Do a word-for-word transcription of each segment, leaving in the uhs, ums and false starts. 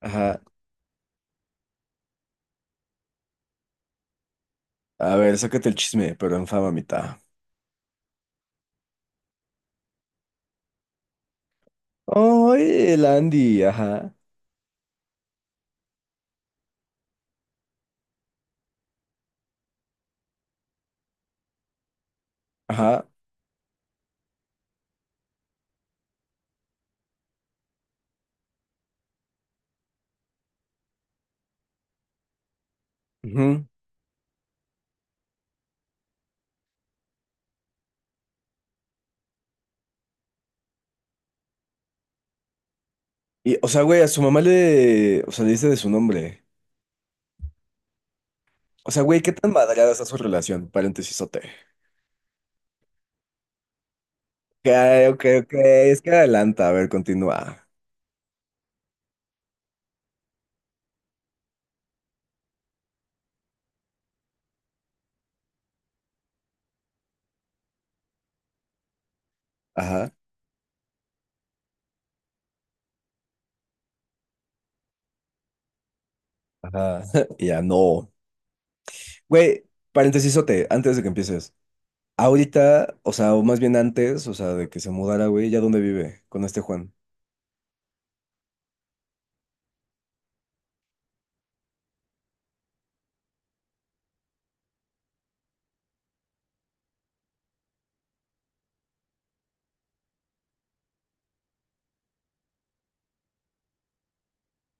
Ajá. A ver, sácate el chisme, pero en fama mitad. Oye, el Andy, ajá. Ajá. Ujú. Y, o sea, güey, a su mamá le. O sea, le dice de su nombre. O sea, güey, ¿qué tan madreada está su relación? Paréntesis, ok, ok, ok. Es que adelanta. A ver, continúa. Ajá. Ajá. Y ya no. Güey, paréntesis, antes de que empieces. Ahorita, o sea, o más bien antes, o sea, de que se mudara, güey, ¿ya dónde vive con este Juan?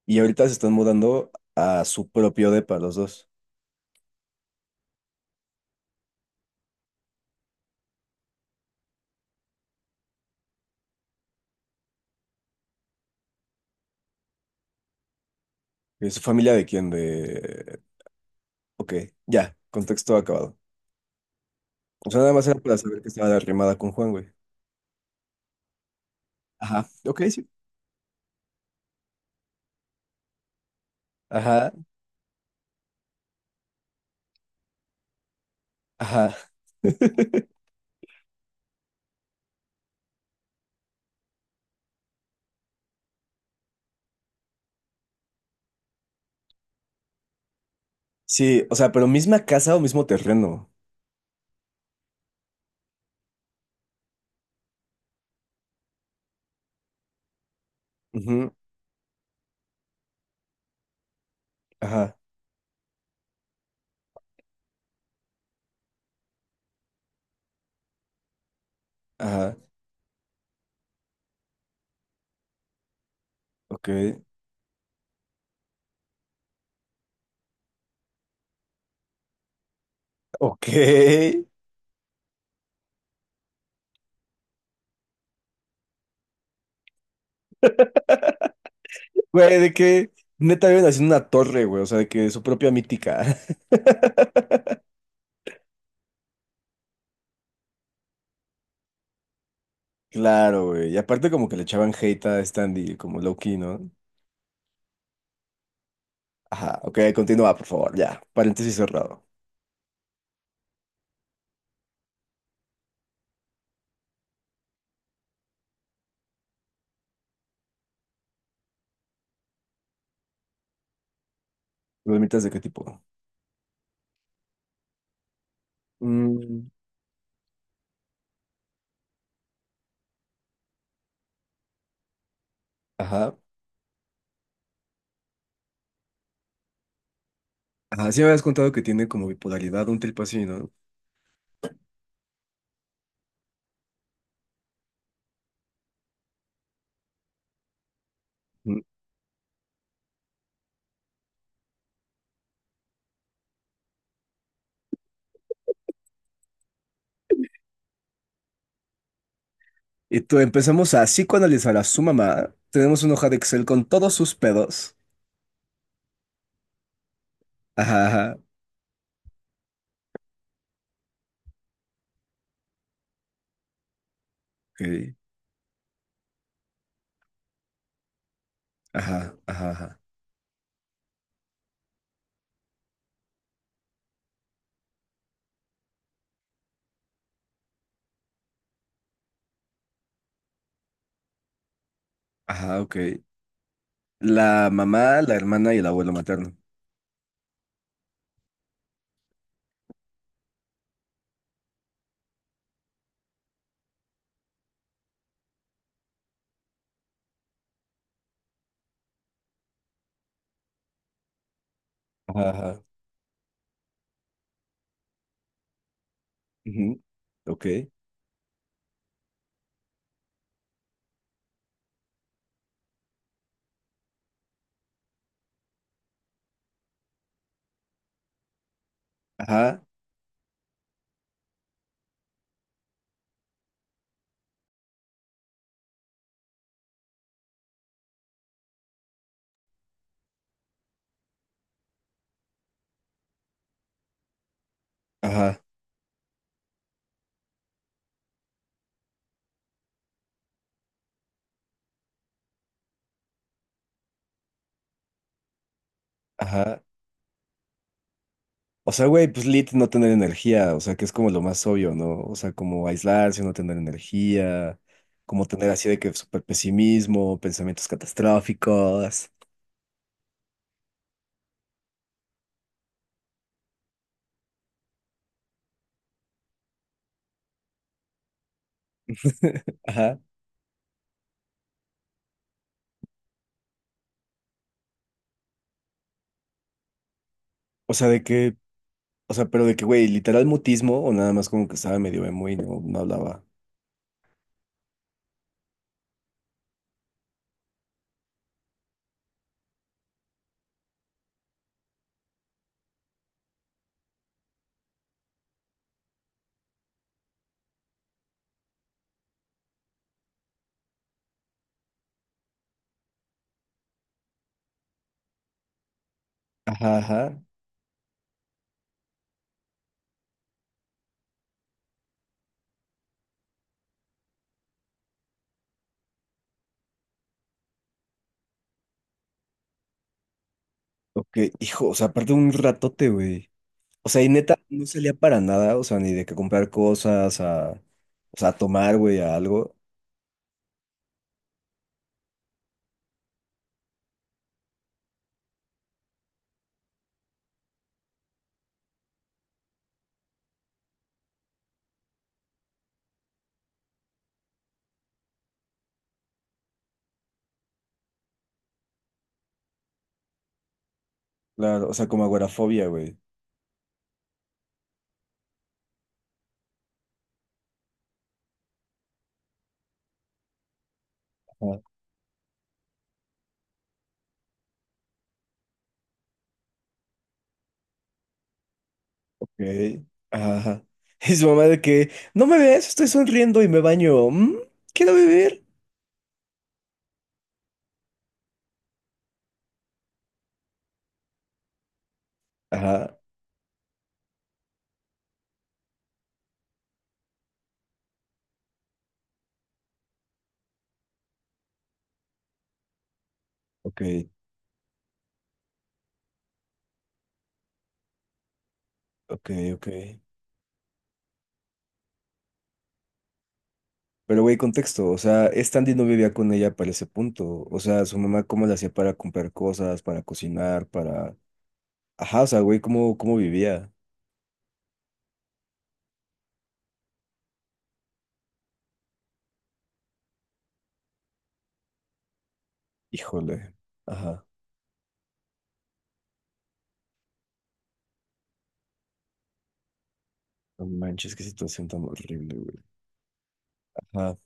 Y ahorita se están mudando a su propio depa, los dos. ¿Es familia de quién? De... Ok, ya, contexto acabado. O sea, nada más era para saber que estaba arrimada con Juan, güey. Ajá, ok, sí. Ajá, ajá. Sí, o sea, pero misma casa o mismo terreno. Ujú, ajá, ajá, ok. Ok. Güey, de que neta viven haciendo una torre, güey, o sea, de que su propia mítica. Claro, güey. Y aparte como que le echaban hate a Standy, como low-key, ¿no? Ajá, ok, continúa, por favor, ya. Paréntesis cerrado. ¿Dolmitas de qué tipo? Mm. Ajá. Ajá, sí me habías contado que tiene como bipolaridad, un trip así, ¿no? Ujú. Y tú empezamos a psicoanalizar a su mamá. Tenemos una hoja de Excel con todos sus pedos. Ajá, ajá. Ok. Ajá, ajá, ajá. Ajá, ok. La mamá, la hermana y el abuelo materno. Ajá, ajá. Ujú, ok. Ajá, ajá, ajá. O sea, güey, pues lit no tener energía, o sea, que es como lo más obvio, ¿no? O sea, como aislarse, no tener energía, como tener así de que súper pesimismo, pensamientos catastróficos. Ajá. O sea, de que, o sea, pero de que, güey, literal mutismo o nada más como que estaba medio emo y no, no hablaba. Ajá, ajá. Ok, hijo, o sea, aparte un ratote, güey. O sea, y neta, no salía para nada, o sea, ni de que comprar cosas, a, o sea, a tomar, güey, a algo. Claro, o sea, como agorafobia, güey. Ok, ajá. Y su mamá de que, no me ves, estoy sonriendo y me baño. ¿Mm? Quiero vivir. Ajá, ok, ok, ok. Pero güey, contexto, o sea, Stanley no vivía con ella para ese punto. O sea, su mamá cómo la hacía para comprar cosas, para cocinar, para... Ajá, o sea, güey, ¿cómo, cómo vivía? Híjole. Ajá. No manches, qué situación tan horrible, güey. Ajá,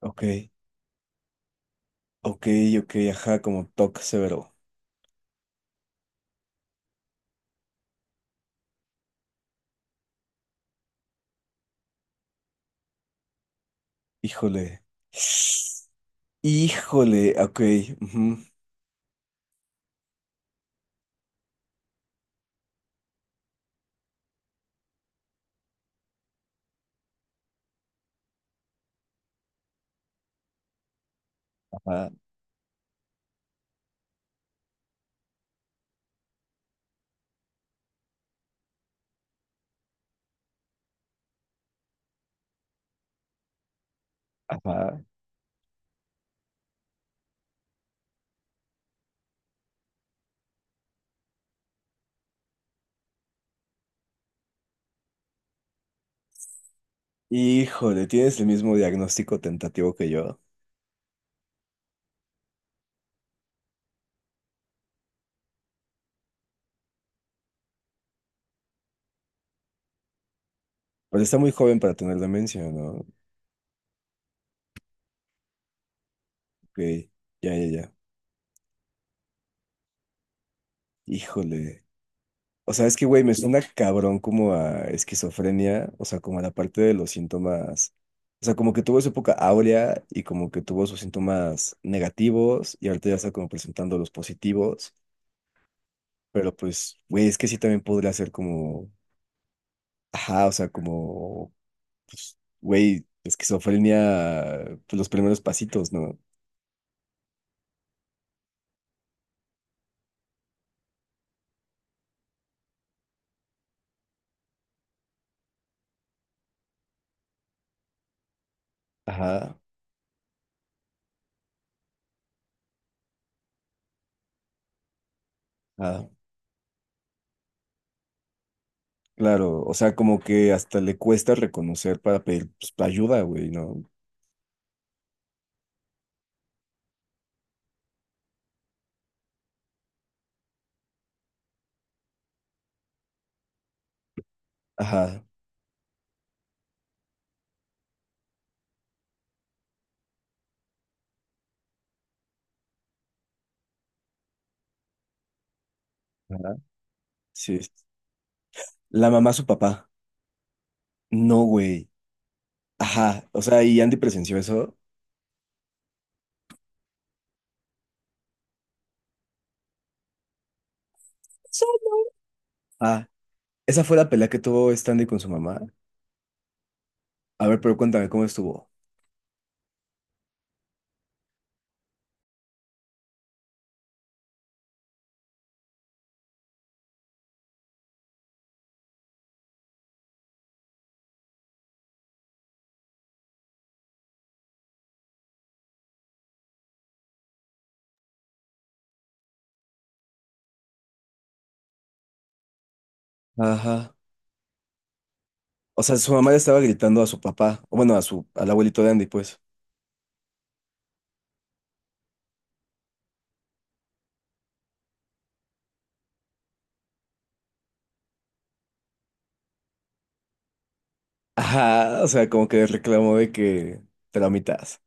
ok, ok, ok, ajá, como toque severo. Híjole. Híjole, ok. Ujú. Ah, ajá. Híjole, tienes el mismo diagnóstico tentativo que yo. Pero está muy joven para tener demencia, ¿no? Ok, ya, ya, ya. Híjole. O sea, es que, güey, me suena cabrón como a esquizofrenia, o sea, como a la parte de los síntomas. O sea, como que tuvo su época áurea y como que tuvo sus síntomas negativos y ahorita ya está como presentando los positivos. Pero pues, güey, es que sí también podría ser como, ajá, o sea, como pues, güey, esquizofrenia, pues, los primeros pasitos, ¿no? Ajá, ajá, claro, o sea, como que hasta le cuesta reconocer para pedir pues, ayuda, güey, ¿no? Ajá, ajá, sí. La mamá, su papá, no, güey, ajá, o sea, y Andy presenció eso. Sí. Ah, esa fue la pelea que tuvo Stanley con su mamá. A ver, pero cuéntame cómo estuvo. Ajá. O sea, su mamá le estaba gritando a su papá, o bueno, a su, al abuelito de Andy, pues. Ajá, o sea, como que reclamó de que te la mitas.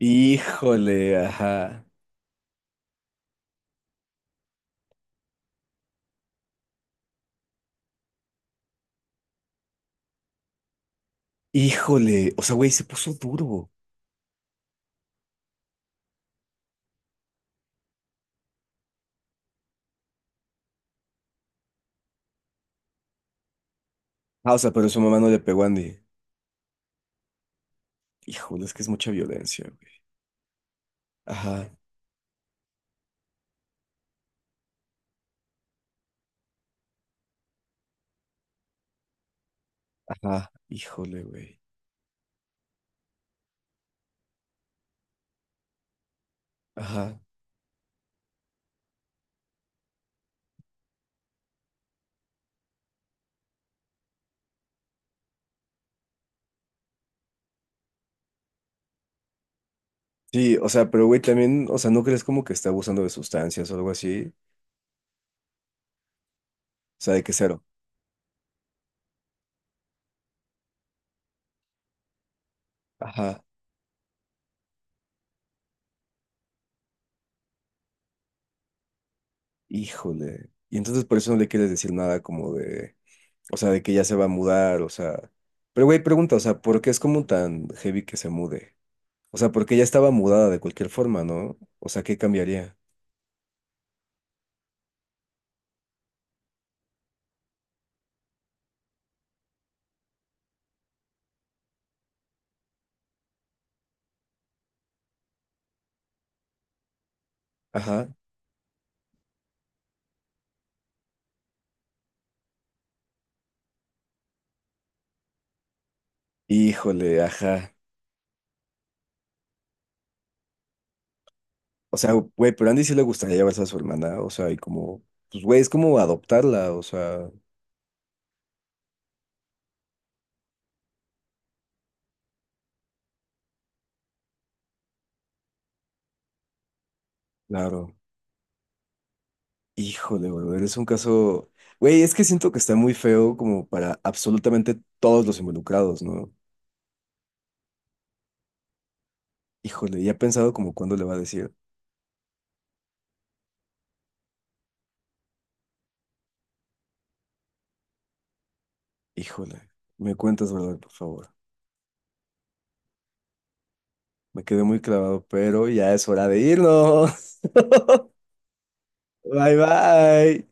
Híjole, ajá. Híjole. O sea, güey, se puso duro. Ah, o sea, pero su mamá no le pegó a Andy. Híjole, es que es mucha violencia, güey. Ajá, ajá. Híjole, güey. Ajá. Sí, o sea, pero güey, también, o sea, ¿no crees como que está abusando de sustancias o algo así? O sea, de que cero. Ajá. Híjole. Y entonces por eso no le quieres decir nada como de, o sea, de que ya se va a mudar, o sea. Pero güey, pregunta, o sea, ¿por qué es como tan heavy que se mude? O sea, porque ella estaba mudada de cualquier forma, ¿no? O sea, ¿qué cambiaría? Ajá. Híjole, ajá. O sea, güey, pero a Andy sí le gustaría llevarse a su hermana. O sea, y como, pues, güey, es como adoptarla. O sea, claro. Híjole, güey, eres un caso. Güey, es que siento que está muy feo como para absolutamente todos los involucrados, ¿no? Híjole, y ha pensado como cuándo le va a decir, híjole, me cuentas, brother, por favor. Me quedé muy clavado, pero ya es hora de irnos. Bye, bye.